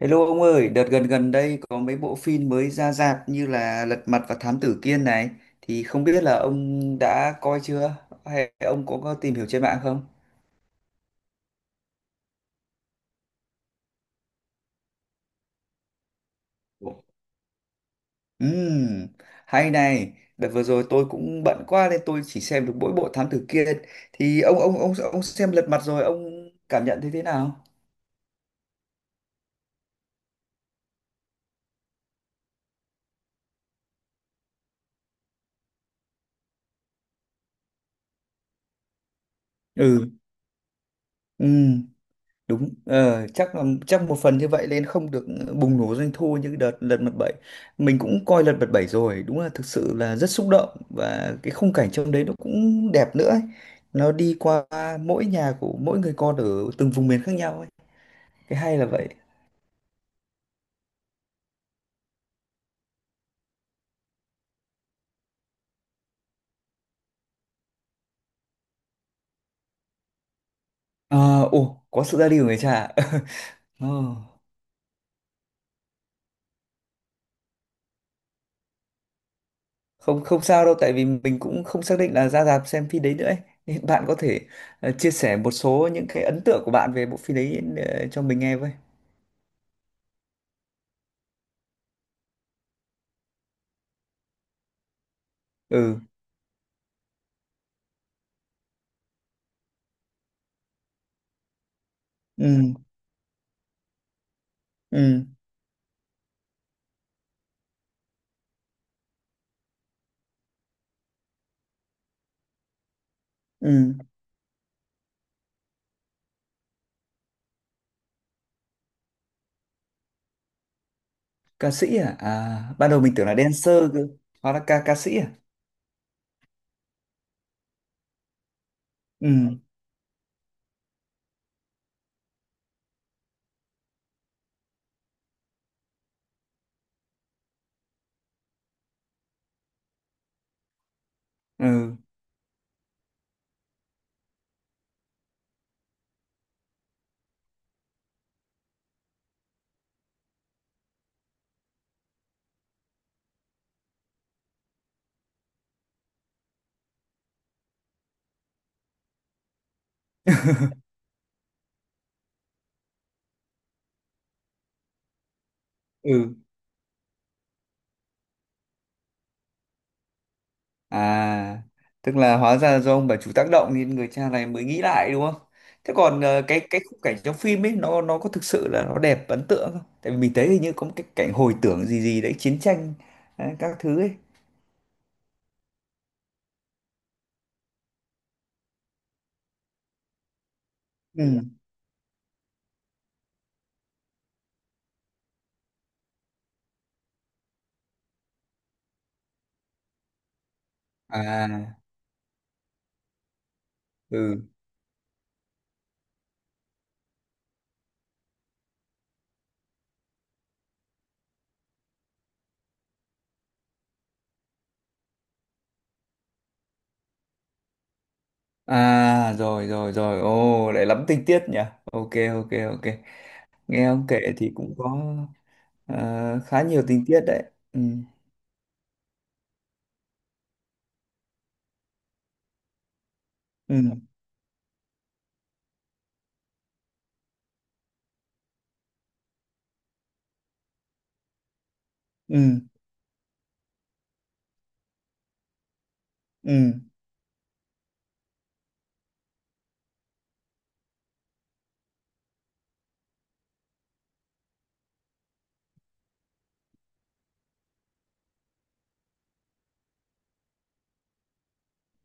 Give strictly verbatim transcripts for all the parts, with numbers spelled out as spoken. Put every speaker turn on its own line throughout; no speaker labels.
Hello ông ơi, đợt gần gần đây có mấy bộ phim mới ra rạp như là Lật Mặt và Thám Tử Kiên này, thì không biết là ông đã coi chưa, hay ông có, có tìm hiểu trên mạng không? Ừm, hay này, đợt vừa rồi tôi cũng bận quá nên tôi chỉ xem được mỗi bộ Thám Tử Kiên, thì ông ông ông ông xem Lật Mặt rồi, ông cảm nhận thấy thế nào? Ừ. Ừ. Đúng, ờ, chắc là chắc một phần như vậy nên không được bùng nổ doanh thu như đợt lật mặt bảy. Mình cũng coi lật mặt bảy rồi, đúng là thực sự là rất xúc động, và cái khung cảnh trong đấy nó cũng đẹp nữa ấy. Nó đi qua mỗi nhà của mỗi người con ở từng vùng miền khác nhau ấy, cái hay là vậy. Ờ, ồ có sự ra đi của người cha. Ờ, không không sao đâu, tại vì mình cũng không xác định là ra rạp xem phim đấy nữa ấy. Nên bạn có thể ờ, chia sẻ một số những cái ấn tượng của bạn về bộ phim đấy, ờ, cho mình nghe với. Ừ. Ừ. Ừ. Ừ. Ca sĩ à? À, ban đầu mình tưởng là dancer cơ, hóa ra ca ca sĩ à. Ừ. Ừ. Ừ. À, tức là hóa ra do ông bà chủ tác động nên người cha này mới nghĩ lại, đúng không? Thế còn ờ, cái cái khung cảnh trong phim ấy, nó nó có thực sự là nó đẹp, ấn tượng không? Tại vì mình thấy hình như có một cái cảnh hồi tưởng gì gì đấy chiến tranh đấy, các thứ ấy. Ừ. À. Ừ. À, rồi rồi rồi, ô lại lắm tình tiết nhỉ. Ok, ok, ok. Nghe ông kể thì cũng có Ờ, khá nhiều tình tiết đấy. Ừ. Ừ. Ừ. Ừ.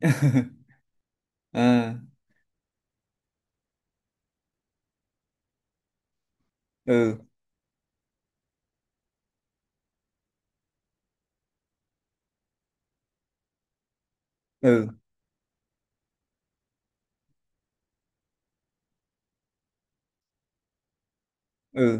À. Ừ. Ừ. Ừ.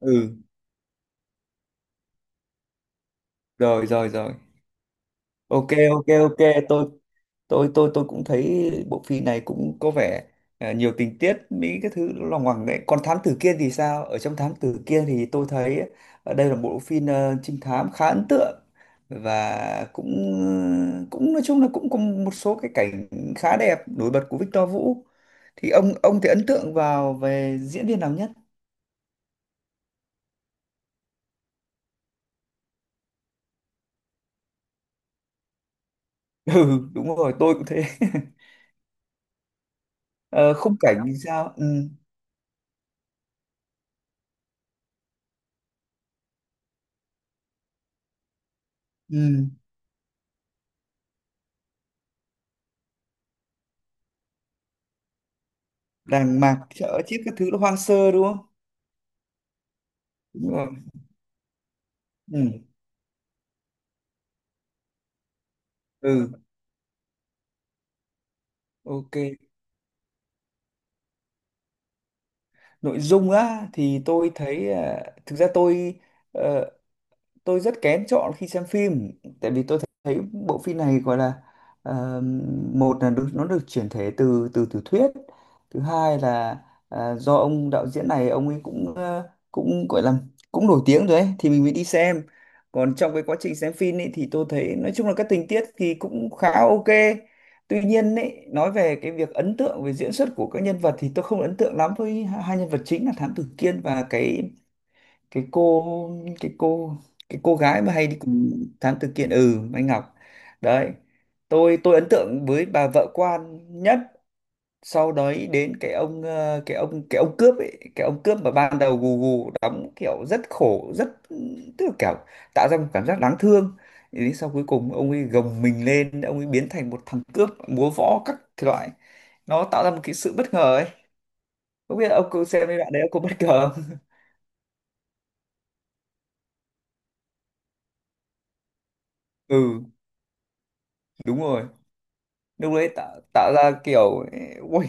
Ừ. Rồi rồi rồi. Ok, ok, ok. Tôi tôi tôi tôi cũng thấy bộ phim này cũng có vẻ à, nhiều tình tiết mỹ cái thứ nó lòng hoàng đấy. Còn thám tử kiên thì sao? Ở trong thám tử kiên thì tôi thấy ở đây là một bộ phim ờ, trinh thám khá ấn tượng, và cũng cũng nói chung là cũng có một số cái cảnh khá đẹp nổi bật của Victor Vũ. Thì ông ông thì ấn tượng vào về diễn viên nào nhất? Ừ, đúng rồi, tôi cũng thế. Ờ, khung cảnh thì sao? Ừ. Ừ. Đàng mạc chợ chứ cái thứ nó hoang sơ đúng không? Đúng rồi. Ừ. Ừ. Ok. Nội dung á thì tôi thấy à, thực ra tôi ờ, tôi rất kén chọn khi xem phim, tại vì tôi thấy bộ phim này gọi là ờ, một là được, nó được chuyển thể từ từ tiểu thuyết. Thứ hai là à, do ông đạo diễn này ông ấy cũng ờ, cũng gọi là cũng nổi tiếng rồi ấy, thì mình mới đi xem. Còn trong cái quá trình xem phim ấy, thì tôi thấy nói chung là các tình tiết thì cũng khá ok. Tuy nhiên ấy, nói về cái việc ấn tượng về diễn xuất của các nhân vật thì tôi không ấn tượng lắm với hai hai nhân vật chính là Thám Tử Kiên và cái cái cô cái cô cái cô gái mà hay đi cùng thám tử kiện, ừ, Mai Ngọc đấy. Tôi tôi ấn tượng với bà vợ quan nhất, sau đấy đến cái ông ờ, cái ông cái ông cướp ấy cái ông cướp mà ban đầu gù gù đóng kiểu rất khổ, rất, tức là kiểu tạo ra một cảm giác đáng thương. Thì đến sau cuối cùng ông ấy gồng mình lên, ông ấy biến thành một thằng cướp múa võ các loại, nó tạo ra một cái sự bất ngờ ấy. Không biết là ông có xem cái đoạn đấy, ông có bất ngờ không? Ừ, đúng rồi. Lúc đấy tạo tạo ra kiểu, ui,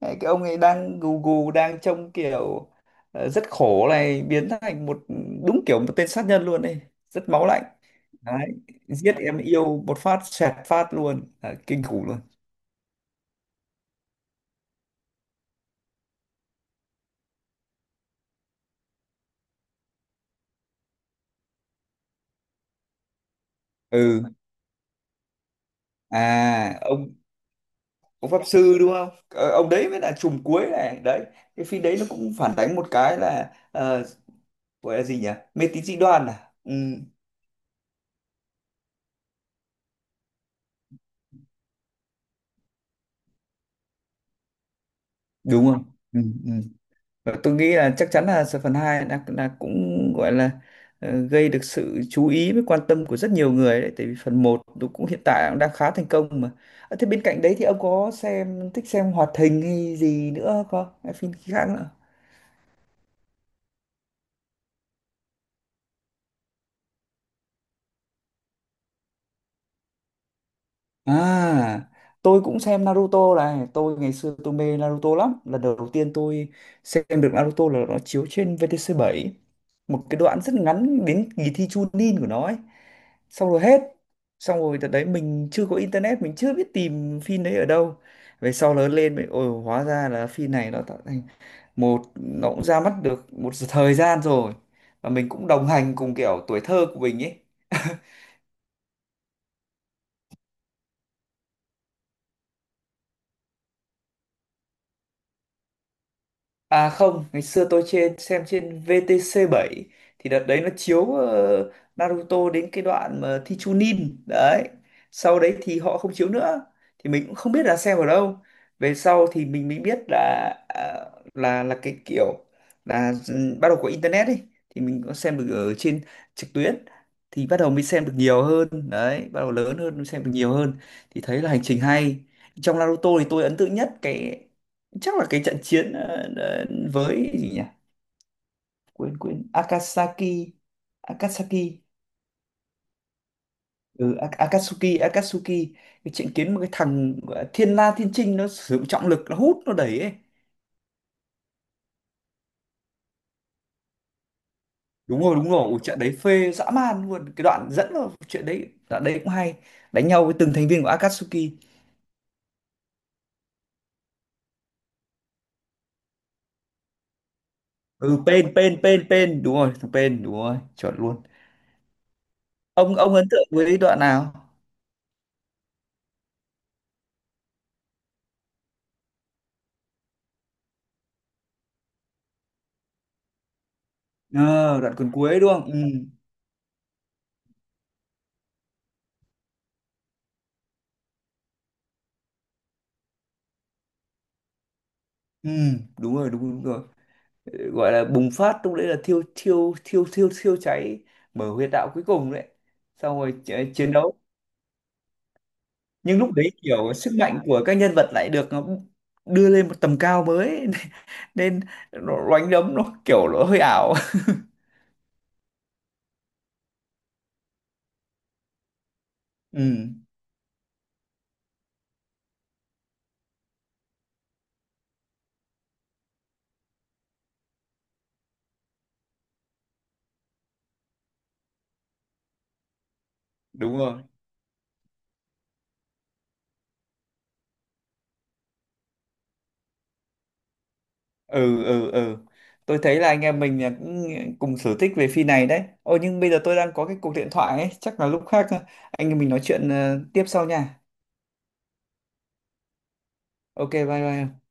cái ông ấy đang gù gù đang trông kiểu ờ, rất khổ này biến thành một đúng kiểu một tên sát nhân luôn đây, rất máu lạnh. Đấy, giết em yêu một phát xẹt phát luôn. Đấy, kinh khủng luôn. Ừ. À, ông ông pháp sư đúng không? Ờ, ông đấy mới là trùm cuối này đấy. Cái phim đấy nó cũng phản đánh một cái là ờ, gọi là gì nhỉ, mê tín dị đoan à. Ừ. Đúng không? Ừ. Ừ. Và tôi nghĩ là chắc chắn là phần hai đã, đã cũng gọi là ờ, gây được sự chú ý với quan tâm của rất nhiều người đấy, tại vì phần một nó cũng hiện tại cũng đang khá thành công mà. À, thế bên cạnh đấy thì ông có xem thích xem hoạt hình hay gì nữa không, hay phim khác nữa? À, tôi cũng xem Naruto này, tôi ngày xưa tôi mê Naruto lắm. Lần đầu tiên tôi xem được Naruto là nó chiếu trên vê tê xê bảy một cái đoạn rất ngắn, đến kỳ thi Chunin của nó ấy. Xong rồi hết. Xong rồi đợt đấy mình chưa có internet, mình chưa biết tìm phim đấy ở đâu. Về sau lớn lên mình ôi, hóa ra là phim này nó tạo thành một, nó cũng ra mắt được một thời gian rồi. Và mình cũng đồng hành cùng kiểu tuổi thơ của mình ấy. À không, ngày xưa tôi trên xem trên vê tê xê bảy, thì đợt đấy nó chiếu ờ, Naruto đến cái đoạn mà thi Chunin đấy. Sau đấy thì họ không chiếu nữa, thì mình cũng không biết là xem ở đâu. Về sau thì mình mới biết là à, là là cái kiểu là ừ, bắt đầu có internet đi, thì mình có xem được ở trên trực tuyến. Thì bắt đầu mới xem được nhiều hơn đấy, bắt đầu lớn hơn mới xem được nhiều hơn, thì thấy là hành trình hay. Trong Naruto thì tôi ấn tượng nhất cái chắc là cái trận chiến ờ, ờ, với gì nhỉ, quên quên, Akasaki, Akasaki. Ừ, A- Akatsuki Akatsuki. Cái trận kiến một cái thằng gọi là Thiên La Thiên Trinh nó sử dụng trọng lực, nó hút nó đẩy ấy. Đúng rồi, đúng rồi. Ủa, trận đấy phê dã man luôn, cái đoạn dẫn vào chuyện đấy, đoạn đấy cũng hay. Đánh nhau với từng thành viên của Akatsuki. Ừ. Pain, Pain, Pain, Pain, đúng rồi thằng Pain, đúng rồi chuẩn luôn. Ông ông ấn tượng với đoạn nào? Ờ đoạn còn cuối đúng không? Ừ. Ừ đúng rồi, đúng, đúng rồi. Gọi là bùng phát, lúc đấy là thiêu thiêu thiêu thiêu thiêu cháy, mở huyệt đạo cuối cùng đấy, xong rồi ch- chiến đấu. Nhưng lúc đấy kiểu sức mạnh của các nhân vật lại được nó đưa lên một tầm cao mới. Nên nó đánh đấm nó kiểu nó hơi ảo. Ừ, đúng rồi. Ừ. Ừ. Ừ. Tôi thấy là anh em mình là cũng cùng sở thích về phim này đấy, ôi nhưng bây giờ tôi đang có cái cuộc điện thoại ấy, chắc là lúc khác ờ, anh em mình nói chuyện ờ, tiếp sau nha. Ok, bye bye.